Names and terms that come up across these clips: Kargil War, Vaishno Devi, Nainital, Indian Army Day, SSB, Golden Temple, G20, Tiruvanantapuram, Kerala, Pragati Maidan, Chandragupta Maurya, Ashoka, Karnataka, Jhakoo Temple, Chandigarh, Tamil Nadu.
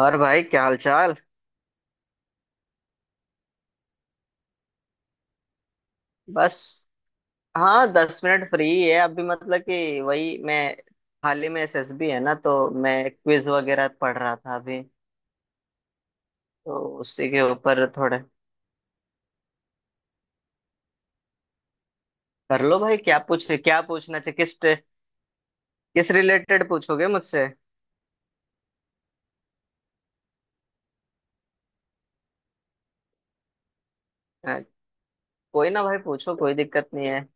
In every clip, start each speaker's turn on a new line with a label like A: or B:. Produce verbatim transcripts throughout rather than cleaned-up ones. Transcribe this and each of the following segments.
A: और भाई, क्या हाल चाल? बस। हाँ, दस मिनट फ्री है अभी। मतलब कि वही, मैं हाल ही में एसएसबी है ना, तो मैं क्विज वगैरह पढ़ रहा था अभी। तो उसी के ऊपर थोड़े कर लो भाई। क्या पूछ क्या पूछना चाहिए, किस किस रिलेटेड पूछोगे मुझसे? अ, कोई ना भाई, पूछो। कोई दिक्कत नहीं है।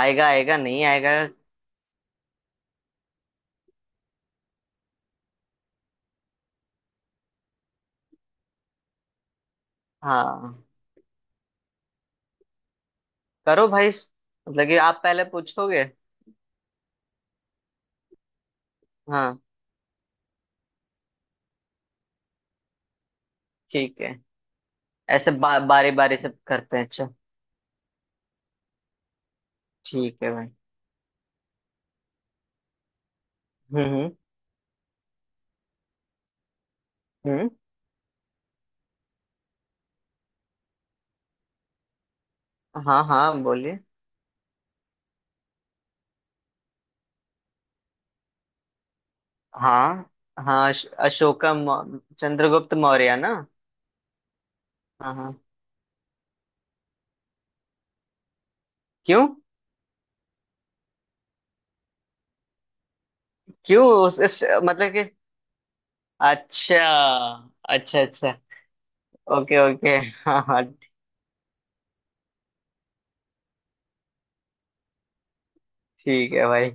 A: आएगा, आएगा नहीं आएगा? हाँ, करो भाई। मतलब कि आप पहले पूछोगे। हाँ, ठीक है। ऐसे बा, बारी बारी से करते हैं, अच्छा। ठीक है भाई। हम्म। हम्म। हम्म। हाँ हाँ, बोलिए। हाँ हाँ, अश- अशोका, मौ- चंद्रगुप्त मौर्य ना। हाँ हाँ। क्यों? क्यों? उस, इस, मतलब कि अच्छा। अच्छा। अच्छा। Okay okay. हाँ हाँ। ठीक है भाई,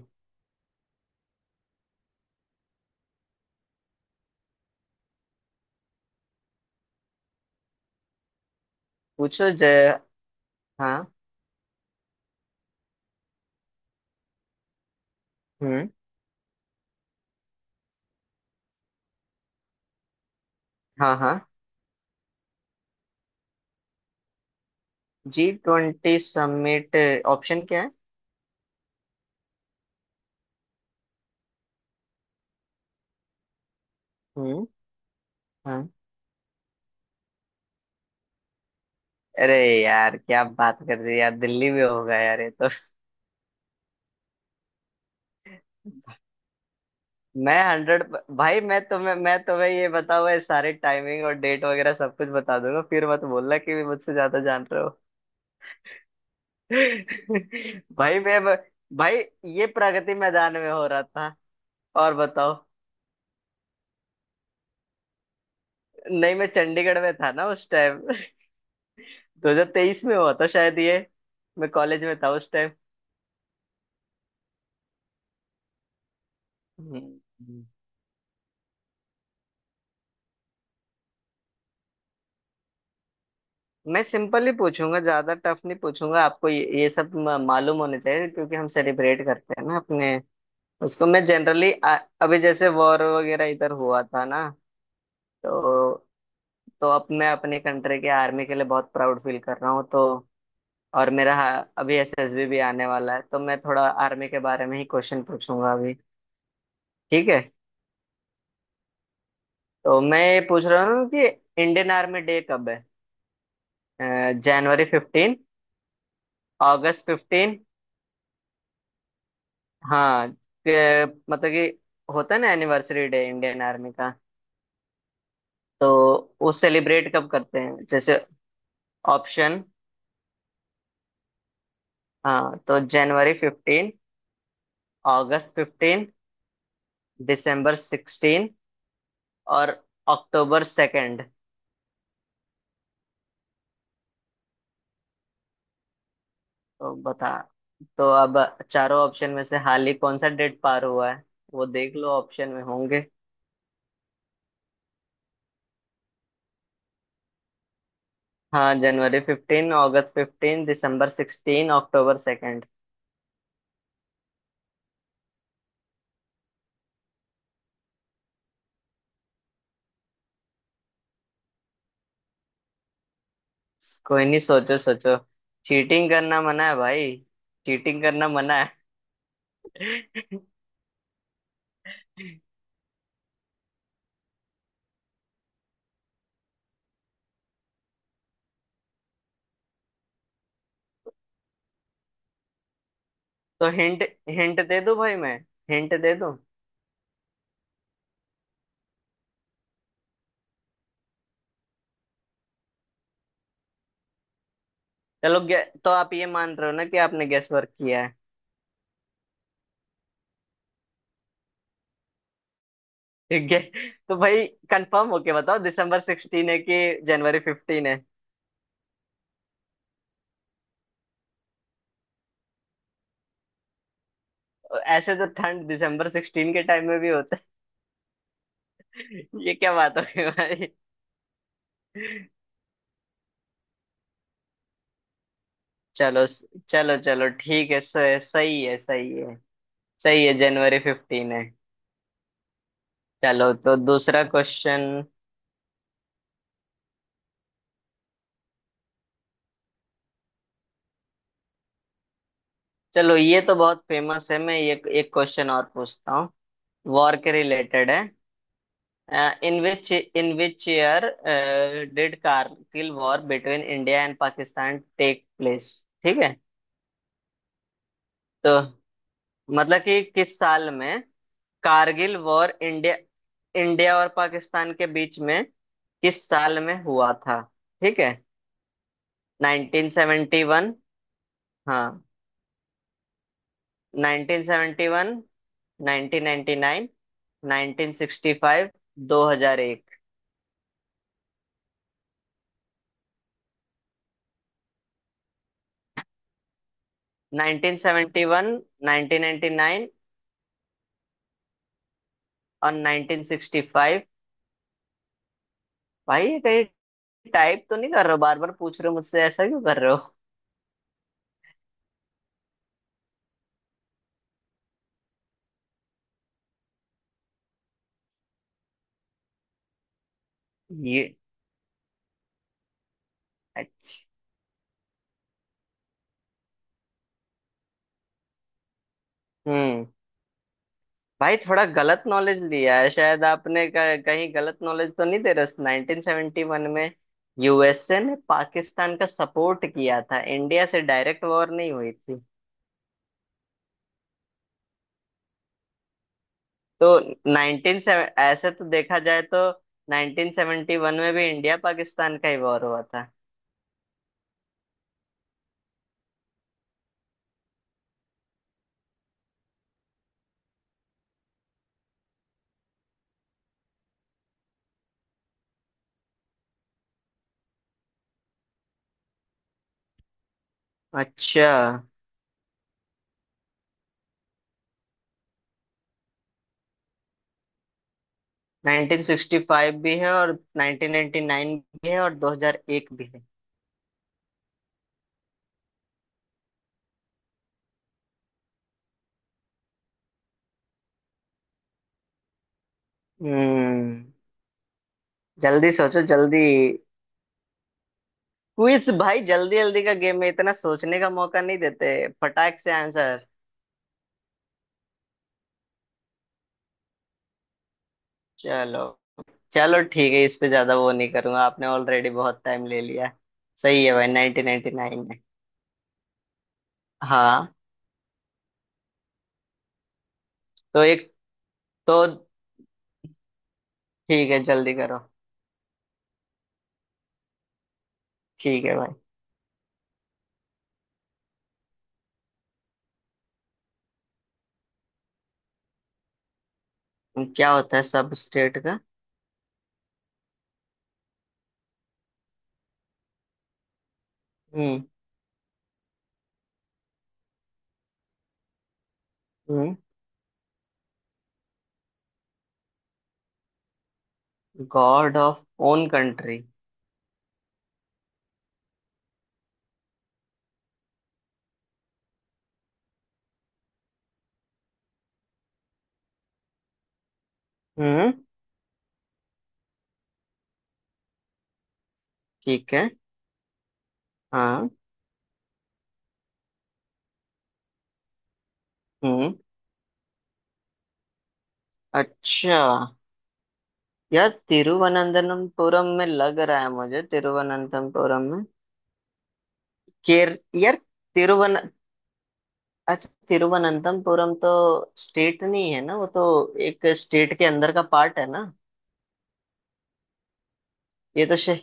A: पूछो जय। हाँ। हम्म। हाँ हाँ, जी ट्वेंटी समिट। ऑप्शन क्या है? हम्म। हाँ। अरे यार, क्या बात कर रही है यार। दिल्ली में होगा यार ये तो। मैं हंड्रेड भाई, मैं तुम्हें मैं तुम्हें ये बताऊँ, सारे टाइमिंग और डेट वगैरह सब कुछ बता दूंगा। फिर मत बोलना कि भी मुझसे ज्यादा जान रहे हो। भाई मैं भाई, ये प्रगति मैदान में हो रहा था। और बताओ। नहीं, मैं चंडीगढ़ में था ना उस टाइम। दो हज़ार तेईस में हुआ था शायद ये। मैं कॉलेज में था उस टाइम। हम्म। मैं सिंपल ही पूछूंगा, ज्यादा टफ नहीं पूछूंगा। आपको ये, ये सब म- मालूम होने चाहिए, क्योंकि हम सेलिब्रेट करते हैं ना अपने उसको। मैं जनरली अभी जैसे वॉर वगैरह इधर हुआ था ना, तो तो अब मैं अपने कंट्री के आर्मी के लिए बहुत प्राउड फील कर रहा हूँ। तो और मेरा, हाँ, अभी एसएसबी भी आने वाला है, तो मैं थोड़ा आर्मी के बारे में ही क्वेश्चन पूछूंगा अभी। ठीक है। तो मैं ये पूछ रहा हूँ कि इंडियन आर्मी डे कब है? जनवरी फिफ्टीन, अगस्त फिफ्टीन। हाँ। के- मतलब कि होता है ना एनिवर्सरी डे इंडियन आर्मी का। तो वो सेलिब्रेट कब करते हैं जैसे? ऑप्शन। हाँ, तो जनवरी फिफ्टीन, अगस्त फिफ्टीन, दिसंबर सिक्सटीन और अक्टूबर सेकेंड। तो बता। तो अब चारों ऑप्शन में से हाल ही कौन सा डेट पार हुआ है, वो देख लो, ऑप्शन में होंगे। हाँ, जनवरी फिफ्टीन, अगस्त फिफ्टीन, दिसंबर सिक्सटीन, अक्टूबर सेकेंड। कोई नहीं, सोचो सोचो। चीटिंग करना मना है भाई। चीटिंग करना मना है। तो हिंट, हिंट दे दूं भाई मैं? हिंट दे दूं? चलो गे- तो आप ये मान रहे हो ना कि आपने गेस वर्क किया है। ठीक है, तो भाई कंफर्म होके बताओ, दिसंबर सिक्सटीन है कि जनवरी फिफ्टीन है? ऐसे तो ठंड दिसंबर सिक्सटीन के टाइम में भी होता है, ये क्या बात हो गई भाई। चलो। चलो, चलो, ठीक है, स- सही है, सही है। सही है, जनवरी फिफ्टीन है। चलो, तो दूसरा क्वेश्चन। चलो, ये तो बहुत फेमस है, मैं ये एक क्वेश्चन और पूछता हूँ। वॉर के रिलेटेड है। In which in which year did Kargil war between India and Pakistan take place? ठीक है। तो मतलब कि किस साल में कारगिल वॉर, इंडिया इंडिया और पाकिस्तान के बीच में, किस साल में हुआ था? ठीक है। नाइनटीन सेवेंटी वन, हाँ, nineteen seventy one, nineteen ninety nine, nineteen sixty five, दो हज़ार एक। Nineteen seventy one, nineteen ninety nine और नाइनटीन सिक्सटी फाइव। भाई, ये कहीं टाइप तो नहीं कर रहे हो, बार बार पूछ रहे हो मुझसे, ऐसा क्यों कर रहे हो? ये अच्छा। हम्म। भाई, थोड़ा गलत नॉलेज लिया है शायद आपने, क- कहीं गलत नॉलेज तो नहीं दे रहा। नाइनटीन सेवेंटी वन में यूएसए ने पाकिस्तान का सपोर्ट किया था, इंडिया से डायरेक्ट वॉर नहीं हुई थी। तो नाइनटीन ऐसे तो देखा जाए तो नाइनटीन सेवेंटी वन में भी इंडिया पाकिस्तान का ही वॉर हुआ था। अच्छा। नाइनटीन सिक्सटी फाइव भी है, और नाइनटीन नाइनटी नाइन भी है, और दो हज़ार एक भी है। हम्म। जल्दी सोचो, जल्दी। क्विज भाई, जल्दी जल्दी का गेम में इतना सोचने का मौका नहीं देते। फटाक से आंसर। चलो। चलो ठीक है, इस पे ज्यादा वो नहीं करूंगा, आपने ऑलरेडी बहुत टाइम ले लिया है। सही है भाई, 1999 नाइन है। हाँ। तो एक, तो ठीक है, जल्दी करो। ठीक है भाई। क्या होता है सब स्टेट का? हम्म। God of own country. हम्म। ठीक है। हाँ। हम्म। अच्छा, यार, तिरुवनंतपुरम में लग रहा है मुझे, तिरुवनंतपुरम। केर, यार, तिरुवन, अच्छा, तिरुवनंतमपुरम तो स्टेट नहीं है ना वो तो, एक स्टेट के अंदर का पार्ट है ना। ये तो शे,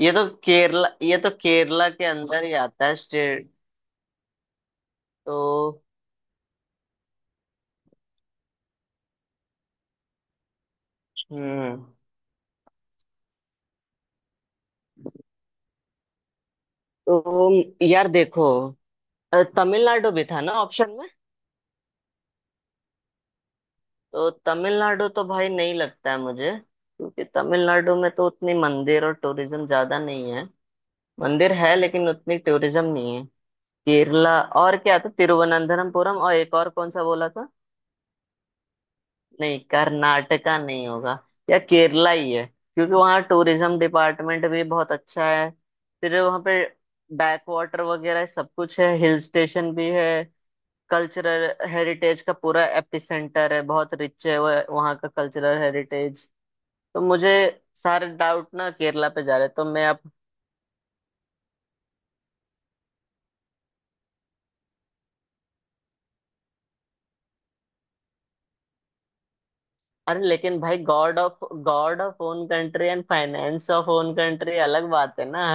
A: ये तो केरला, ये तो केरला के अंदर ही आता है स्टेट। तो हम्म। तो यार देखो, अ, तमिलनाडु भी था ना ऑप्शन में। तो तमिलनाडु तो भाई नहीं लगता है मुझे, क्योंकि तमिलनाडु में तो उतनी मंदिर और टूरिज्म ज्यादा नहीं है। मंदिर है, लेकिन उतनी टूरिज्म नहीं है। केरला, और क्या था, तिरुवनंतपुरम, और एक और कौन सा बोला था। नहीं, कर्नाटका नहीं होगा, या केरला ही है, क्योंकि वहाँ टूरिज्म डिपार्टमेंट भी बहुत अच्छा है। फिर वहाँ पे बैक वाटर वगैरह सब कुछ है, हिल स्टेशन भी है। कल्चरल हेरिटेज का पूरा एपिसेंटर है, बहुत रिच है वह- वहाँ का कल्चरल हेरिटेज। तो मुझे सारे डाउट ना केरला पे जा रहे, तो मैं अब, अरे लेकिन भाई, God of God of own country and finance of own country अलग बात है ना।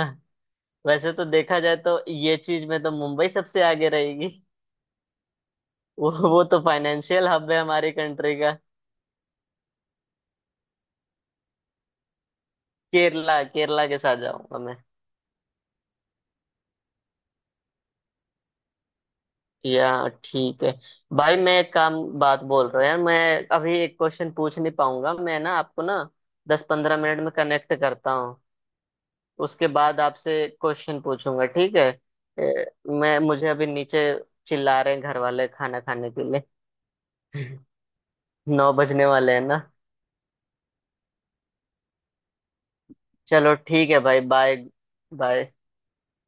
A: वैसे तो देखा जाए तो ये चीज में तो मुंबई सबसे आगे रहेगी। वो वो तो फाइनेंशियल हब है हमारी कंट्री का। केरला, केरला के साथ जाऊंगा मैं। या ठीक है। भाई, मैं एक काम बात बोल रहा हूँ यार, मैं अभी एक क्वेश्चन पूछ नहीं पाऊंगा मैं ना आपको ना। दस पंद्रह मिनट में कनेक्ट करता हूँ, उसके बाद आपसे क्वेश्चन पूछूंगा, ठीक है। ए, मैं मुझे अभी नीचे चिल्ला रहे हैं घर वाले, खाना खाने के लिए। नौ बजने वाले हैं ना। चलो ठीक है भाई, बाय। बाय।